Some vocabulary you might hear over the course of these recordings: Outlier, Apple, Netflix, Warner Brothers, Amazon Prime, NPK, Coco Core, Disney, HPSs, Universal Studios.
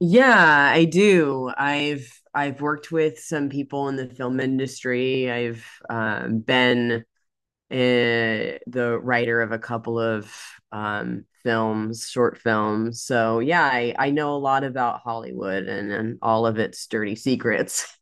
Yeah, I do. I've worked with some people in the film industry. I've been the writer of a couple of films, short films. So yeah, I know a lot about Hollywood and all of its dirty secrets.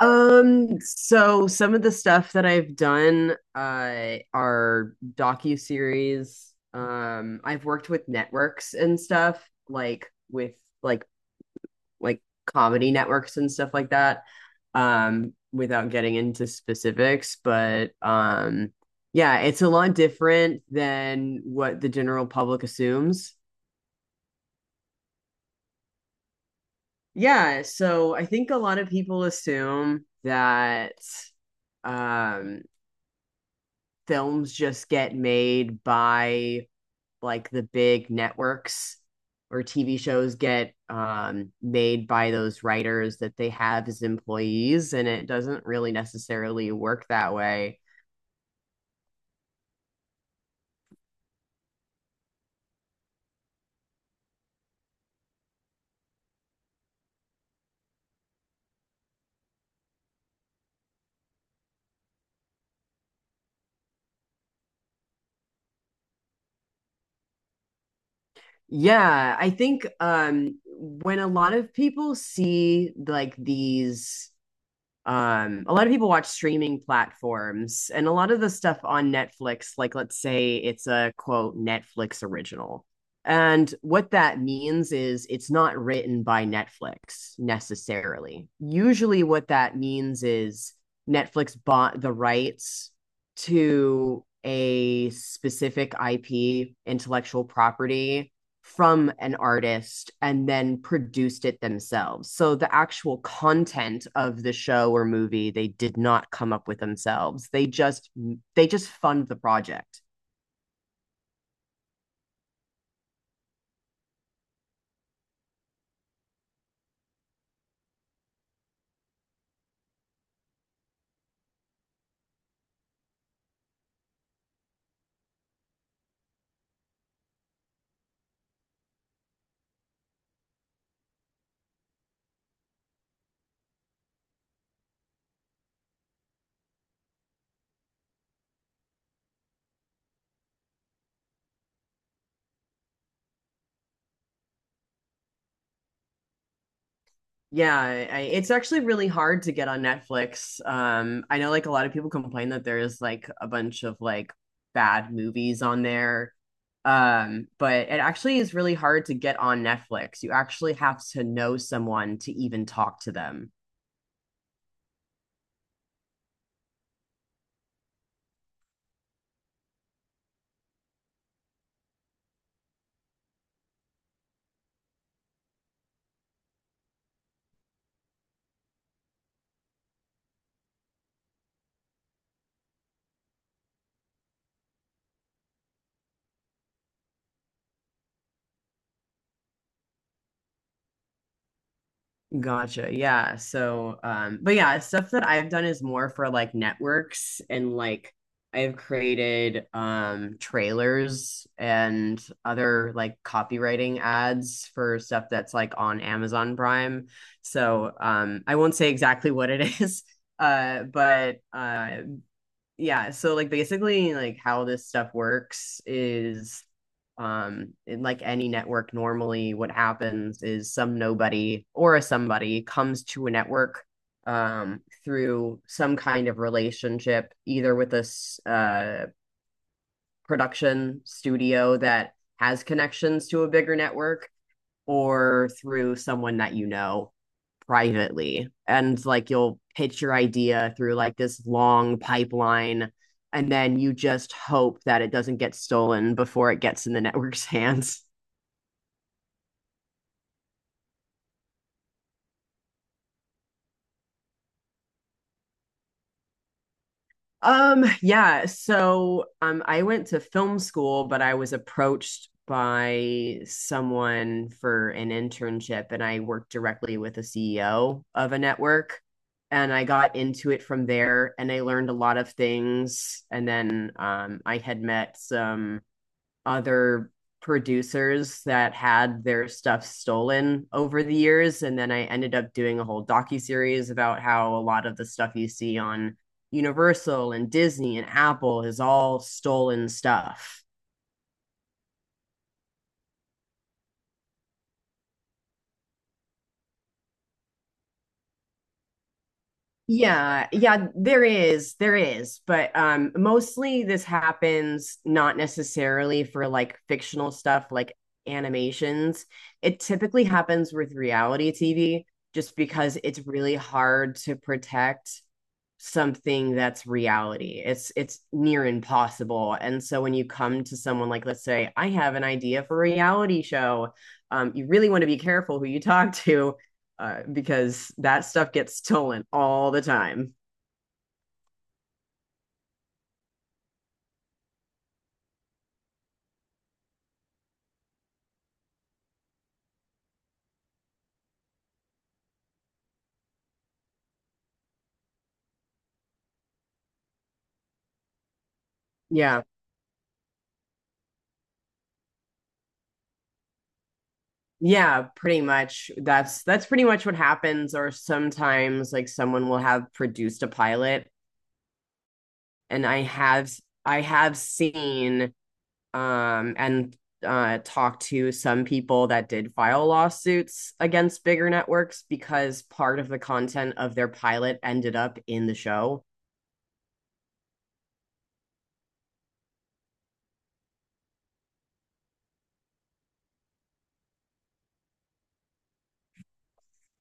So some of the stuff that I've done are docuseries. I've worked with networks and stuff like with like comedy networks and stuff like that without getting into specifics, but yeah, it's a lot different than what the general public assumes. Yeah so i think a lot of people assume that um films just get made by like the big networks, or TV shows get made by those writers that they have as employees, and it doesn't really necessarily work that way. Yeah, I think when a lot of people see like these a lot of people watch streaming platforms, and a lot of the stuff on Netflix, like let's say it's a quote Netflix original. And what that means is it's not written by Netflix necessarily. Usually, what that means is Netflix bought the rights to a specific IP, intellectual property, from an artist and then produced it themselves. So the actual content of the show or movie they did not come up with themselves. They just fund the project. Yeah, it's actually really hard to get on Netflix. I know like a lot of people complain that there is like a bunch of like bad movies on there. But it actually is really hard to get on Netflix. You actually have to know someone to even talk to them. Gotcha. Yeah. So, but yeah, stuff that I've done is more for like networks and like I've created trailers and other like copywriting ads for stuff that's like on Amazon Prime. So, I won't say exactly what it is, but yeah, so like basically like how this stuff works is like any network, normally what happens is some nobody or a somebody comes to a network through some kind of relationship, either with this production studio that has connections to a bigger network, or through someone that you know privately, and like you'll pitch your idea through like this long pipeline, and then you just hope that it doesn't get stolen before it gets in the network's hands. Yeah, so I went to film school, but I was approached by someone for an internship, and I worked directly with a CEO of a network, and I got into it from there and I learned a lot of things, and then I had met some other producers that had their stuff stolen over the years, and then I ended up doing a whole docu-series about how a lot of the stuff you see on Universal and Disney and Apple is all stolen stuff. Yeah, yeah, there is, but mostly this happens not necessarily for like fictional stuff like animations. It typically happens with reality TV, just because it's really hard to protect something that's reality. It's near impossible. And so when you come to someone, like let's say I have an idea for a reality show, you really want to be careful who you talk to, because that stuff gets stolen all the time. Yeah. Yeah, pretty much. That's pretty much what happens. Or sometimes like someone will have produced a pilot, and I have seen and talked to some people that did file lawsuits against bigger networks, because part of the content of their pilot ended up in the show.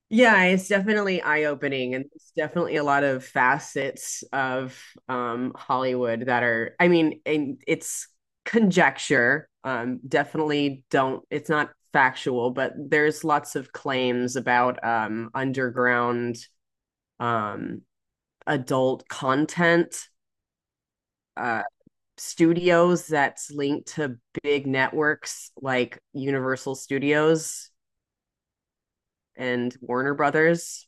Yeah, it's definitely eye-opening, and it's definitely a lot of facets of Hollywood that are, I mean, and it's conjecture. Definitely don't, it's not factual, but there's lots of claims about underground um, adult content uh, studios that's linked to big networks like Universal Studios and Warner Brothers,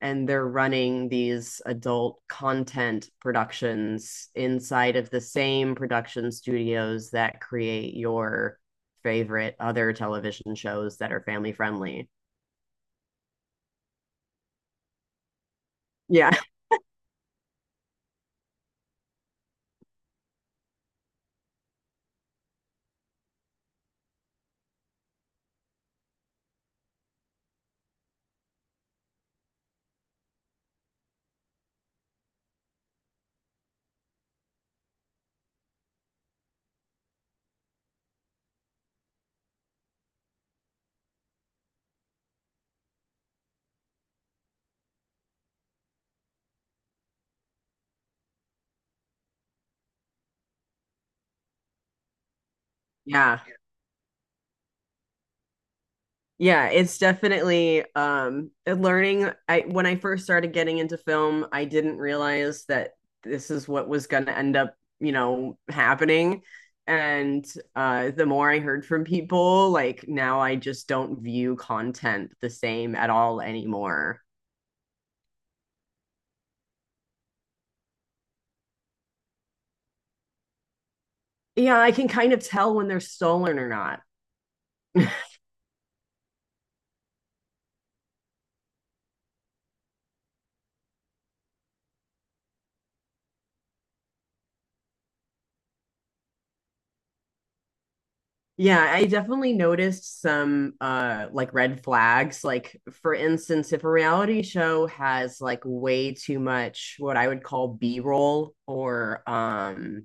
and they're running these adult content productions inside of the same production studios that create your favorite other television shows that are family friendly. Yeah. Yeah. Yeah, it's definitely learning. I when i first started getting into film, I didn't realize that this is what was going to end up, you know, happening. And uh the more I heard from people, like now I just don't view content the same at all anymore. Yeah, I can kind of tell when they're stolen or not. Yeah, I definitely noticed some like red flags. Like for instance, if a reality show has like way too much what I would call B-roll, or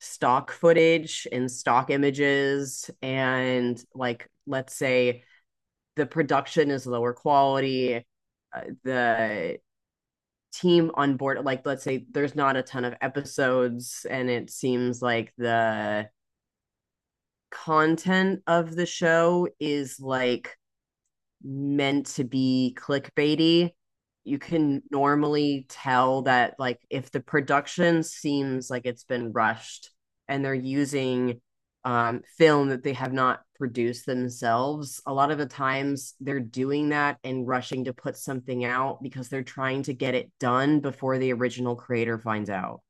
stock footage and stock images, and like let's say the production is lower quality, the team on board, like let's say there's not a ton of episodes, and it seems like the content of the show is like meant to be clickbaity, you can normally tell that like if the production seems like it's been rushed and they're using film that they have not produced themselves, a lot of the times they're doing that and rushing to put something out because they're trying to get it done before the original creator finds out.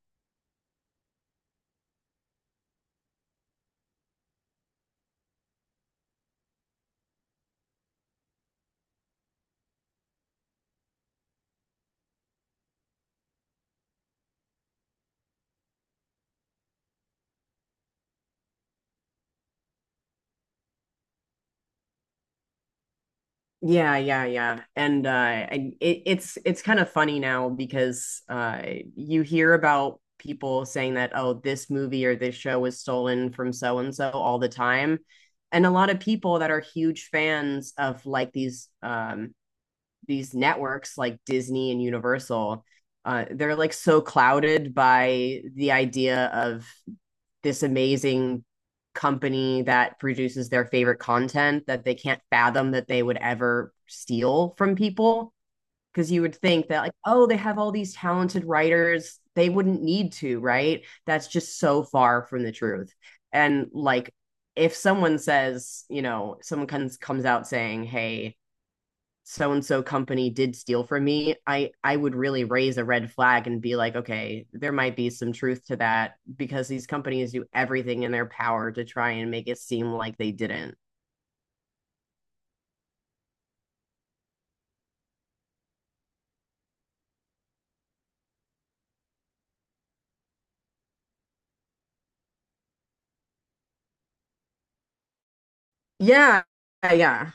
Yeah, yeah, yeah. And it, it's kind of funny now, because you hear about people saying that, oh, this movie or this show was stolen from so and so all the time. And a lot of people that are huge fans of like these networks like Disney and Universal, they're like so clouded by the idea of this amazing company that produces their favorite content that they can't fathom that they would ever steal from people, because you would think that like, oh, they have all these talented writers, they wouldn't need to, right? That's just so far from the truth. And like if someone says, you know, someone comes out saying, hey, so and so company did steal from me, I would really raise a red flag and be like, okay, there might be some truth to that, because these companies do everything in their power to try and make it seem like they didn't. Yeah. Yeah.